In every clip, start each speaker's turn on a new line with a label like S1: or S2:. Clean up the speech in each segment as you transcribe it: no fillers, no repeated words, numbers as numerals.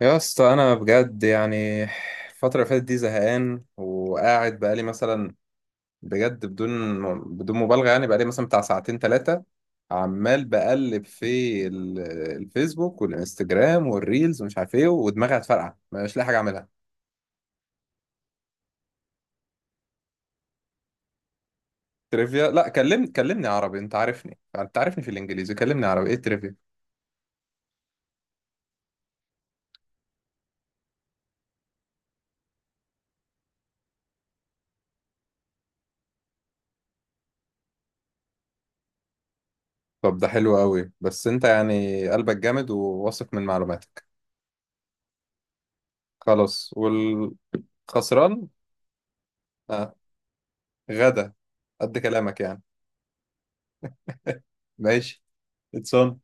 S1: يا اسطى انا بجد يعني الفتره اللي فاتت دي زهقان، وقاعد بقالي مثلا، بجد، بدون مبالغه، يعني بقالي مثلا بتاع ساعتين ثلاثه عمال بقلب في ال- الفيسبوك والانستجرام والريلز ومش عارف ايه، ودماغي هتفرقع، مش لاقي حاجه اعملها. ترivia؟ لا كلمني عربي، انت عارفني، في الانجليزي، كلمني عربي، ايه ترivia؟ طب ده حلو قوي، بس انت يعني قلبك جامد وواثق من معلوماتك؟ خلاص. والخسران. آه. غدا قد كلامك يعني. ماشي، اتسون،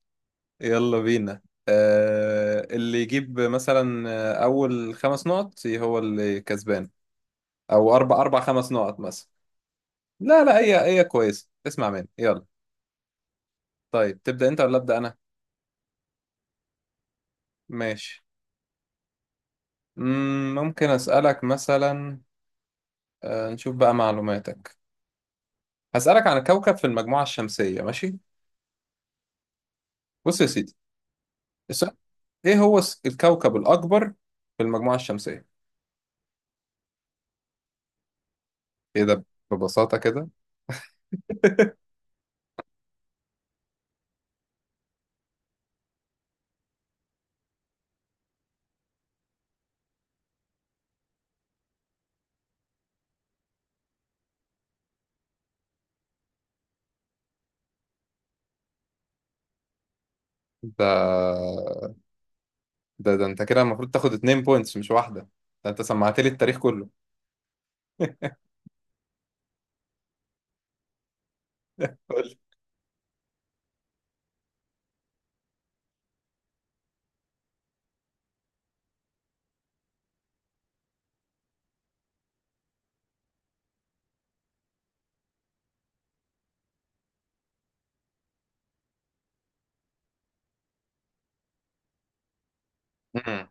S1: يلا بينا. آه، اللي يجيب مثلا، اول خمس نقط هو اللي كسبان، او اربع، خمس نقط مثلا. لا هي كويسه، اسمع مني، يلا. طيب تبدا انت ولا ابدا انا؟ ماشي. ممكن اسالك مثلا، آه نشوف بقى معلوماتك، هسالك عن كوكب في المجموعه الشمسيه، ماشي؟ بص يا سيدي، السؤال، ايه هو الكوكب الاكبر في المجموعه الشمسيه؟ ايه ده، ببساطه كده؟ ده انت كده المفروض تاخد اتنين بوينتس مش واحدة، ده انت سمعت لي التاريخ كله. قول. مم.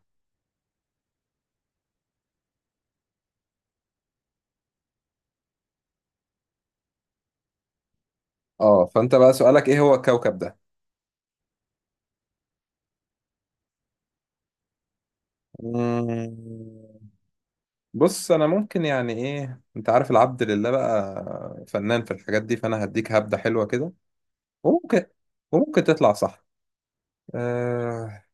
S1: اه، فانت بقى سؤالك ايه هو الكوكب ده؟ مم. بص، انا ممكن يعني، ايه، انت عارف العبد لله بقى فنان في الحاجات دي، فانا هديك هبدة حلوة كده، وممكن وممكن تطلع صح. آه،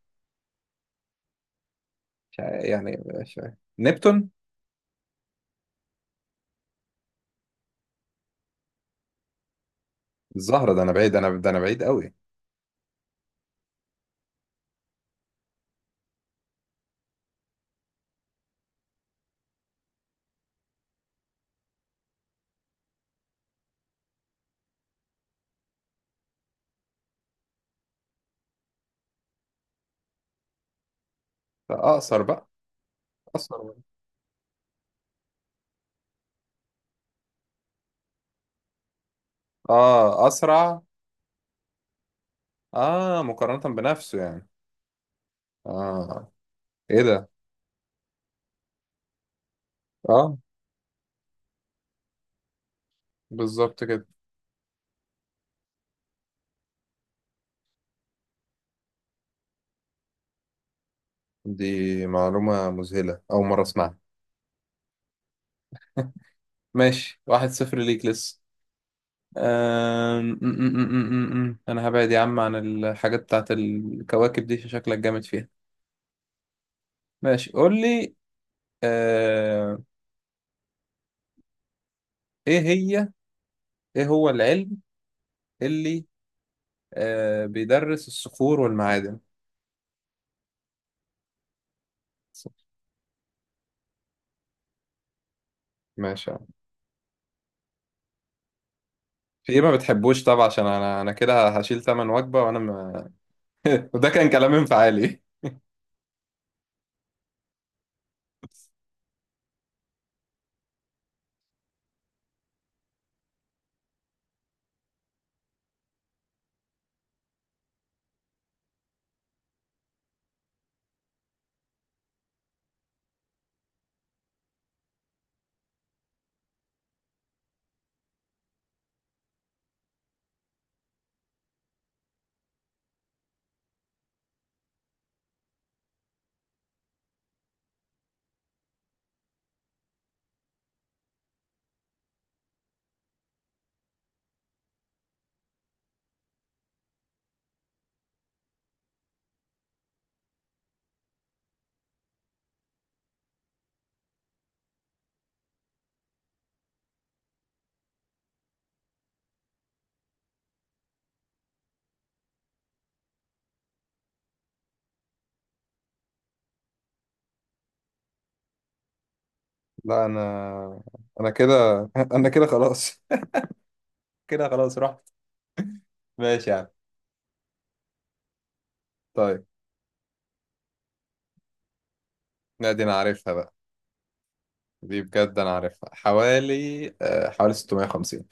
S1: مش عارف. نبتون. الزهرة؟ ده انا بعيد، ده انا بعيد قوي. فاقصر بقى. اقصر. اه، اسرع. اه، مقارنة بنفسه يعني. اه. ايه ده. اه. بالظبط كده. دي معلومة مذهلة، أول مرة أسمعها. ماشي، واحد صفر ليك لسه. أم... م- م- م- م- م. أنا هبعد يا عم عن الحاجات بتاعت الكواكب دي عشان شكلك جامد فيها. ماشي، قول لي. أه... إيه هي، إيه هو العلم اللي بيدرس الصخور والمعادن؟ ماشي يا عم. في إيه ما بتحبوش طبعا، عشان أنا، كده هشيل تمن وجبة وأنا ما... وده كان كلام انفعالي. لا أنا، كده. أنا كده خلاص، كده خلاص رحت. ماشي يا عم. طيب. لا دي انا عارفها بقى. دي بجد انا عارفها حوالي، حوالي 650.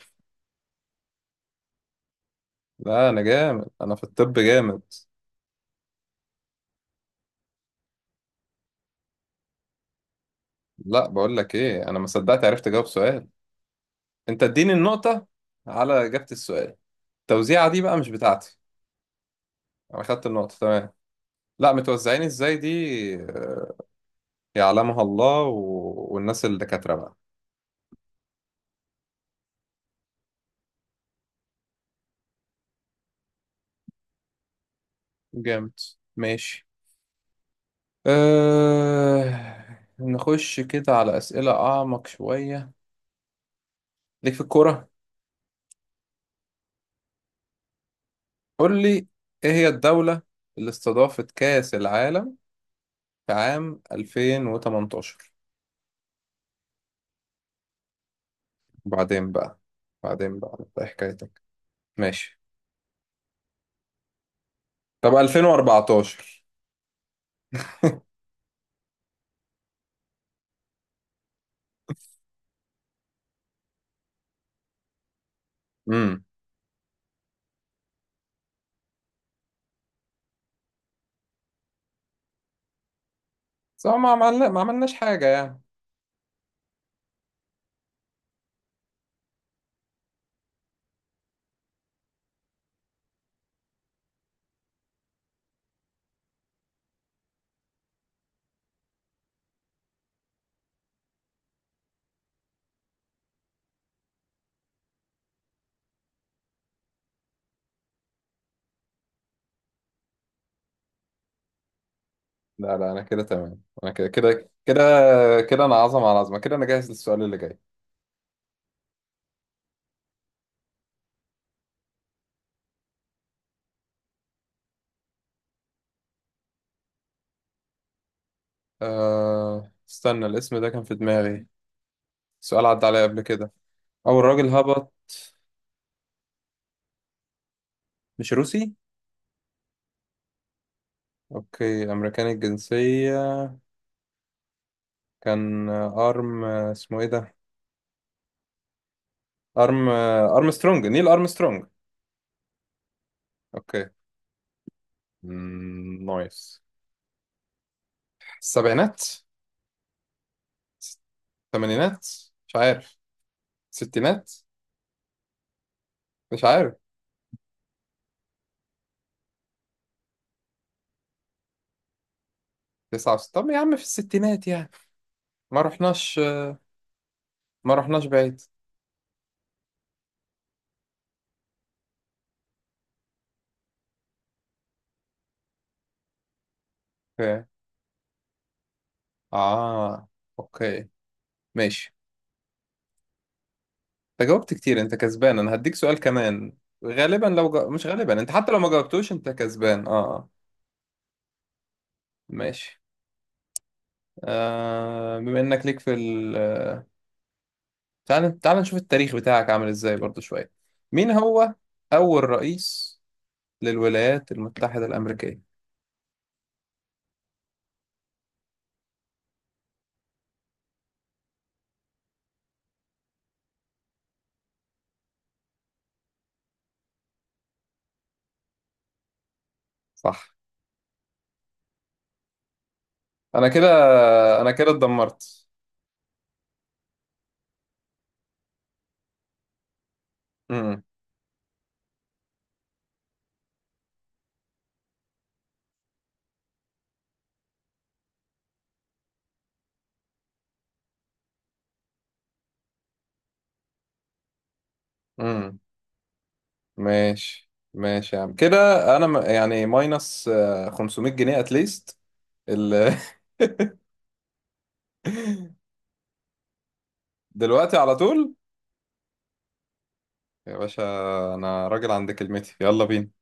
S1: لا انا جامد، انا في الطب جامد. لا، بقول لك ايه، انا ما صدقت عرفت اجاوب سؤال، انت اديني النقطة على اجابة السؤال، التوزيعة دي بقى مش بتاعتي. انا خدت النقطة، تمام. لا متوزعين ازاي دي يعلمها الله، و... والناس الدكاترة بقى. جامد. ماشي. نخش كده على أسئلة أعمق شوية. ليك في الكورة. قول لي، ايه هي الدولة اللي استضافت كأس العالم في عام 2018؟ بعدين بقى، ايه حكايتك؟ ماشي. طب 2014؟ امم. صح، ما ما عملناش حاجة يعني. لا انا كده تمام، انا كده كده كده كده. انا عظمة على عظمة، كده انا جاهز للسؤال اللي جاي. استنى، الاسم ده كان في دماغي، سؤال عدى عليا قبل كده. اول راجل هبط؟ مش روسي؟ اوكي، امريكاني الجنسية. كان ارم، اسمه ايه ده؟ ارم ارمسترونج، نيل ارمسترونج. اوكي. مم، نايس. السبعينات؟ الثمانينات؟ مش عارف. ستينات؟ مش عارف. طب يا عم في الستينات يعني، ما رحناش، بعيد. اوكي. اه. اوكي. ماشي. انت جاوبت كتير، انت كسبان، انا هديك سؤال كمان. غالبا انت حتى لو ما جاوبتوش انت كسبان. اه. آه. ماشي. آه، بما انك ليك في، تعال نشوف التاريخ بتاعك عامل ازاي برضو شوية. مين هو أول رئيس للولايات المتحدة الأمريكية؟ صح. أنا كده، أنا كده اتدمرت. امم. امم. ماشي يا عم كده. أنا ماينس 500 جنيه اتليست. ال... دلوقتي على طول. يا باشا، أنا راجل عند كلمتي، يلا بينا.